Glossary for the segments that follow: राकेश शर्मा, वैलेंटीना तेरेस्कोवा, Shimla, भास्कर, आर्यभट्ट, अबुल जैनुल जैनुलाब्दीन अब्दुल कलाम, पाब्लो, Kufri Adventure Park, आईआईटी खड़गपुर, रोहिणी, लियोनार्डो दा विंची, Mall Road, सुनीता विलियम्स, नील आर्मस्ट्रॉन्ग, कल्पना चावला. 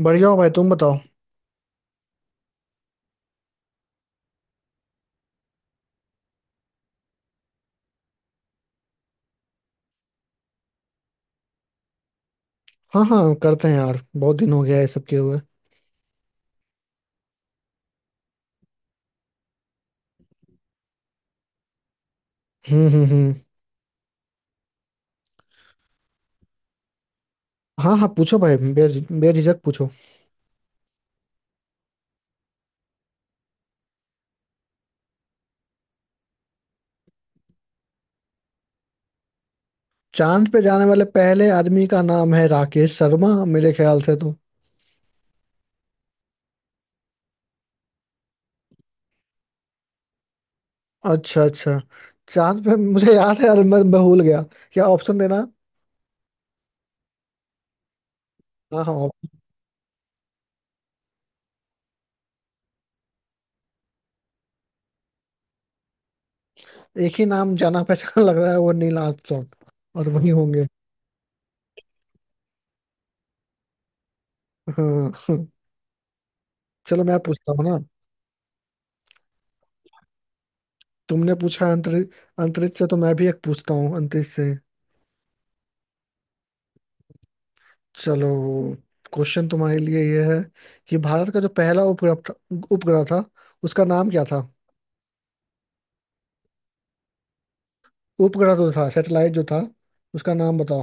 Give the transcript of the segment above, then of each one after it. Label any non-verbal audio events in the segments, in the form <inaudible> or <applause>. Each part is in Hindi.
बढ़िया हो भाई, तुम बताओ। हाँ हाँ, करते हैं यार, बहुत दिन हो गया है सब किए हुए। हम्म। हाँ हाँ, पूछो भाई, बेझिझक पूछो। चांद पे जाने वाले पहले आदमी का नाम है राकेश शर्मा, मेरे ख्याल से तो। अच्छा अच्छा। चांद पे मुझे याद है यार, मैं भूल गया। क्या ऑप्शन देना। हाँ हाँ, एक ही नाम जाना पहचान <laughs> लग रहा है, वो नील आर्मस्ट्रॉन्ग, और वही होंगे। हाँ हाँ। चलो मैं पूछता हूँ ना। तुमने पूछा अंतरिक्ष। अंतरिक्ष से तो मैं भी एक पूछता हूँ अंतरिक्ष से। चलो, क्वेश्चन तुम्हारे लिए ये है कि भारत का जो पहला उपग्रह था, उपग्रह था उसका नाम क्या था। उपग्रह जो था, सैटेलाइट जो था, उसका नाम बताओ।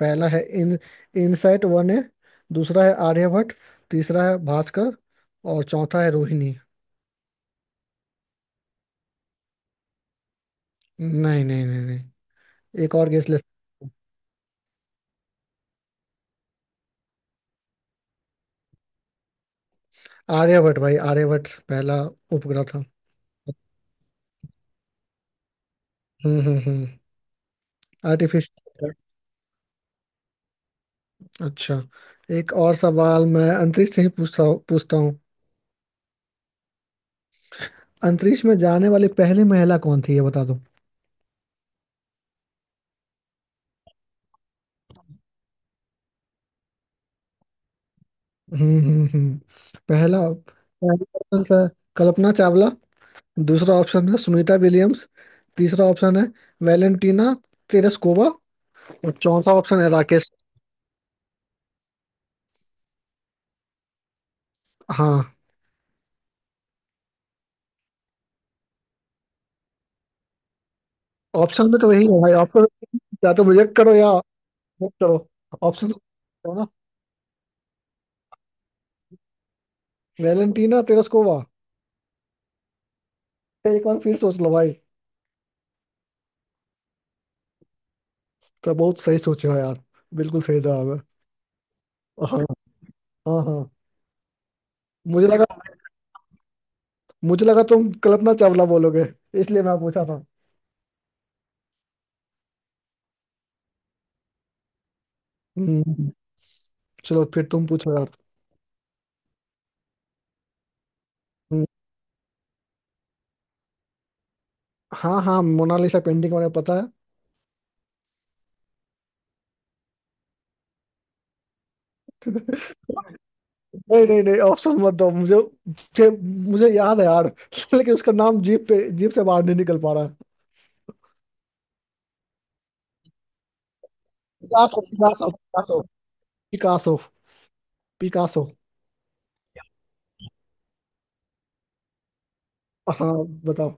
पहला है इन इनसैट वन है। दूसरा है आर्यभट्ट। तीसरा है भास्कर। और चौथा है रोहिणी। नहीं नहीं नहीं नहीं, एक और गेस ले सकते हो। आर्यभट्ट भाई, आर्यभट्ट पहला उपग्रह था। हम्म। आर्टिफिशियल। अच्छा, एक और सवाल मैं अंतरिक्ष से ही पूछता पूछता हूँ। अंतरिक्ष में जाने वाली पहली महिला कौन थी ये बता दो। हम्म हम्म हम्म। पहला पहला ऑप्शन है कल्पना चावला। दूसरा ऑप्शन है सुनीता विलियम्स। तीसरा ऑप्शन है वैलेंटीना तेरेस्कोवा। और चौथा ऑप्शन है राकेश। हाँ। ऑप्शन में तो वही है भाई। ऑप्शन, या तो रिजेक्ट करो या बुक करो। ऑप्शन तो है ना। वैलेंटीना तेरेस्कोवा, एक बार फिर सोच लो भाई। तो बहुत सही सोचे हो यार, बिल्कुल सही जवाब है। हाँ हाँ हाँ। मुझे लगा, तुम कल्पना चावला बोलोगे, इसलिए मैं पूछा था। हम्म। चलो फिर तुम पूछो यार। हम्म। हाँ हाँ, मोनालिसा पेंटिंग मुझे पता है। नहीं नहीं नहीं, ऑप्शन मत दो मुझे। मुझे मुझे याद है यार <laughs> लेकिन उसका नाम जीप से बाहर नहीं निकल पा रहा है। Picasso Picasso Picasso Picasso Picasso. हाँ, बताओ।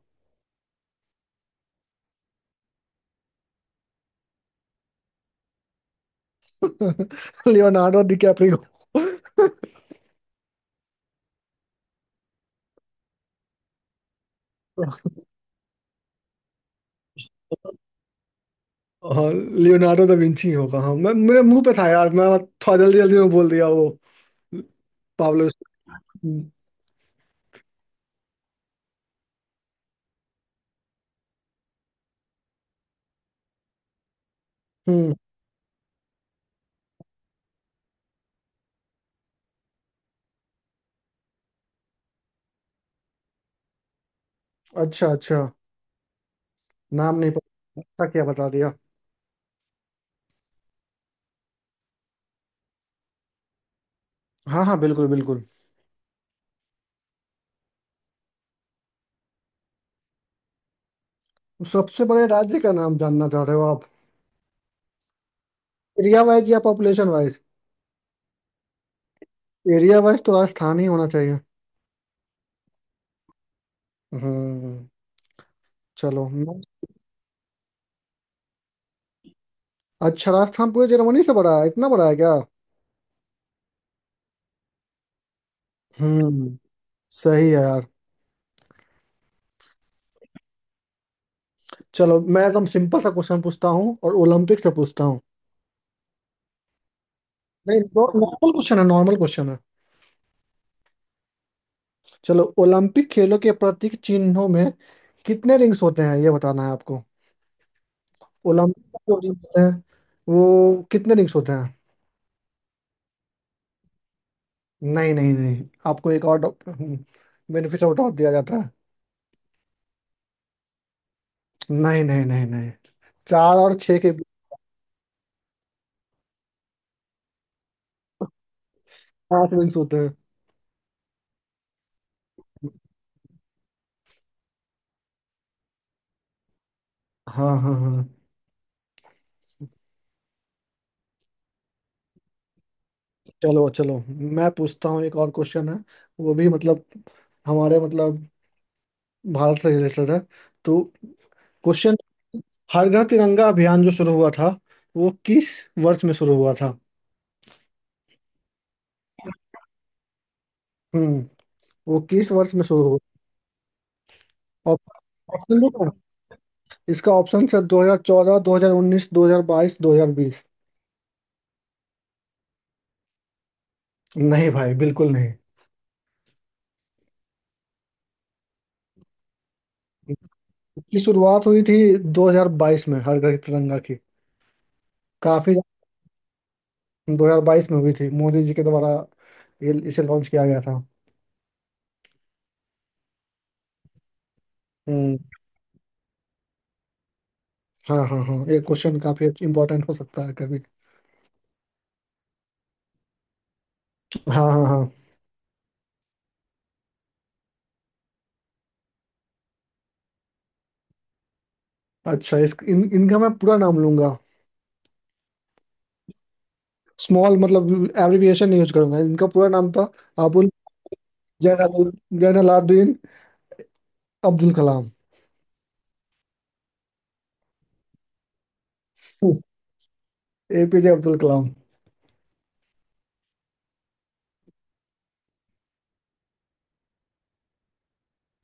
<laughs> Leonardo DiCaprio. और लियोनार्डो दा विंची होगा, हाँ, मैं मेरे मुंह पे था यार, मैं थोड़ा जल्दी जल्दी में बोल दिया वो। पाब्लो। हम्म हम्म, अच्छा अच्छा, नाम नहीं पता था क्या बता दिया। हाँ हाँ, बिल्कुल बिल्कुल। सबसे बड़े राज्य का नाम जानना चाह रहे हो आप। एरिया वाइज या पॉपुलेशन वाइज। एरिया वाइज तो राजस्थान ही होना चाहिए। हम्म। चलो मैं- अच्छा, राजस्थान पूरे जर्मनी से बड़ा है, इतना बड़ा है क्या। हम्म, सही है यार। चलो मैं एकदम सिंपल सा क्वेश्चन पूछता हूँ और ओलंपिक से पूछता हूँ। नहीं, नॉर्मल क्वेश्चन है, नॉर्मल क्वेश्चन है। चलो, ओलंपिक खेलों के प्रतीक चिन्हों में कितने रिंग्स होते हैं ये बताना है आपको। ओलंपिक का जो रिंग होता है, वो कितने रिंग्स होते हैं। नहीं नहीं नहीं, आपको एक और बेनिफिट ऑफ डाउट दिया जाता है। नहीं नहीं नहीं नहीं, चार और छह के बीच। पांच रिंग्स होते हैं। हाँ हाँ हाँ। चलो चलो, मैं पूछता हूँ, एक और क्वेश्चन है, वो भी मतलब, हमारे मतलब, भारत से रिलेटेड है। तो, क्वेश्चन, हर घर तिरंगा अभियान जो शुरू हुआ था, वो किस वर्ष में शुरू हुआ था। हम्म, वो किस वर्ष में शुरू हुआ। ऑप्शन, ऑप्शन दो तो। इसका ऑप्शन सर 2014, 2019, 2022, 2020। नहीं भाई, बिल्कुल नहीं। इसकी शुरुआत हुई थी 2022 में, हर घर की तिरंगा की काफी 2022 में हुई थी मोदी जी के द्वारा, ये इसे लॉन्च किया गया था। हम्म। हाँ हाँ हाँ, ये क्वेश्चन काफी इंपॉर्टेंट हो सकता है कभी। हाँ हाँ हाँ, अच्छा, इनका मैं पूरा नाम लूंगा। स्मॉल मतलब एब्रिविएशन यूज करूंगा, इनका पूरा नाम था अबुल जैनुल जैनुलाब्दीन अब्दुल कलाम। एपीजे अब्दुल कलाम।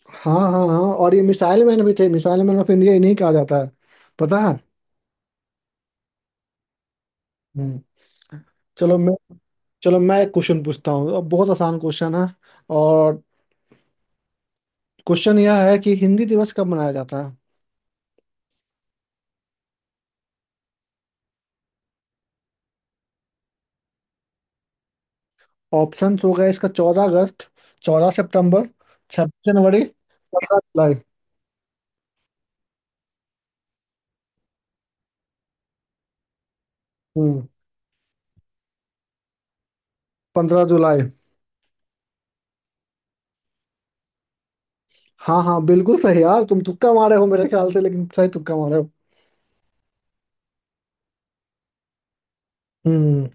हाँ हाँ हाँ हाँ, और ये मिसाइल मैन भी थे, मिसाइल मैन ऑफ इंडिया इन्हीं कहा जाता है, पता है। हम्म। चलो मैं चलो मैं एक क्वेश्चन पूछता हूँ, अब बहुत आसान क्वेश्चन है और, क्वेश्चन यह है कि हिंदी दिवस कब मनाया जाता है। ऑप्शन हो गए इसका, 14 अगस्त, 14 सितंबर, 26 जनवरी, 15 जुलाई। हम्म, 15 जुलाई। हाँ हाँ, बिल्कुल सही यार, तुम तुक्का मारे हो मेरे ख्याल से, लेकिन सही तुक्का मारे हो। हम्म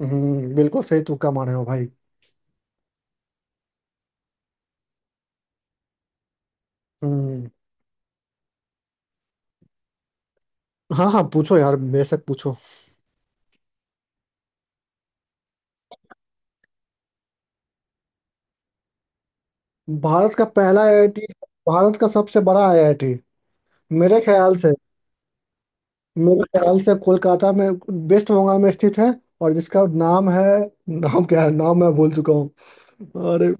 हम्म, बिल्कुल सही तुक्का मारे हो भाई। हम्म। हाँ हाँ, पूछो यार, बेशक पूछो। भारत का पहला आईआईटी, भारत का सबसे बड़ा आईआईटी, मेरे ख्याल से मेरे ख्याल से कोलकाता में, वेस्ट बंगाल में स्थित है। और जिसका नाम है, नाम क्या है, नाम मैं भूल चुका हूँ। अरे,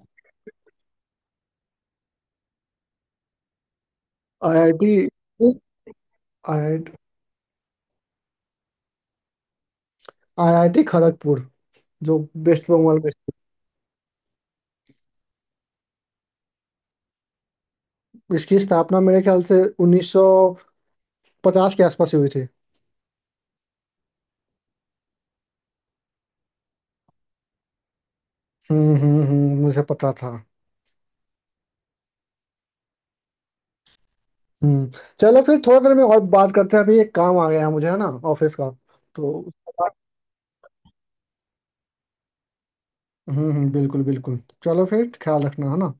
आईआईटी आईआईटी आईआईटी खड़गपुर जो वेस्ट बंगाल में स्थित है। इसकी स्थापना मेरे ख्याल से 1950 के आसपास हुई थी। हम्म, मुझे पता था। हम्म, चलो फिर थोड़ा देर में और बात करते हैं, अभी एक काम आ गया है मुझे, है ना, ऑफिस का तो। बिल्कुल बिल्कुल। चलो फिर, ख्याल रखना, है ना।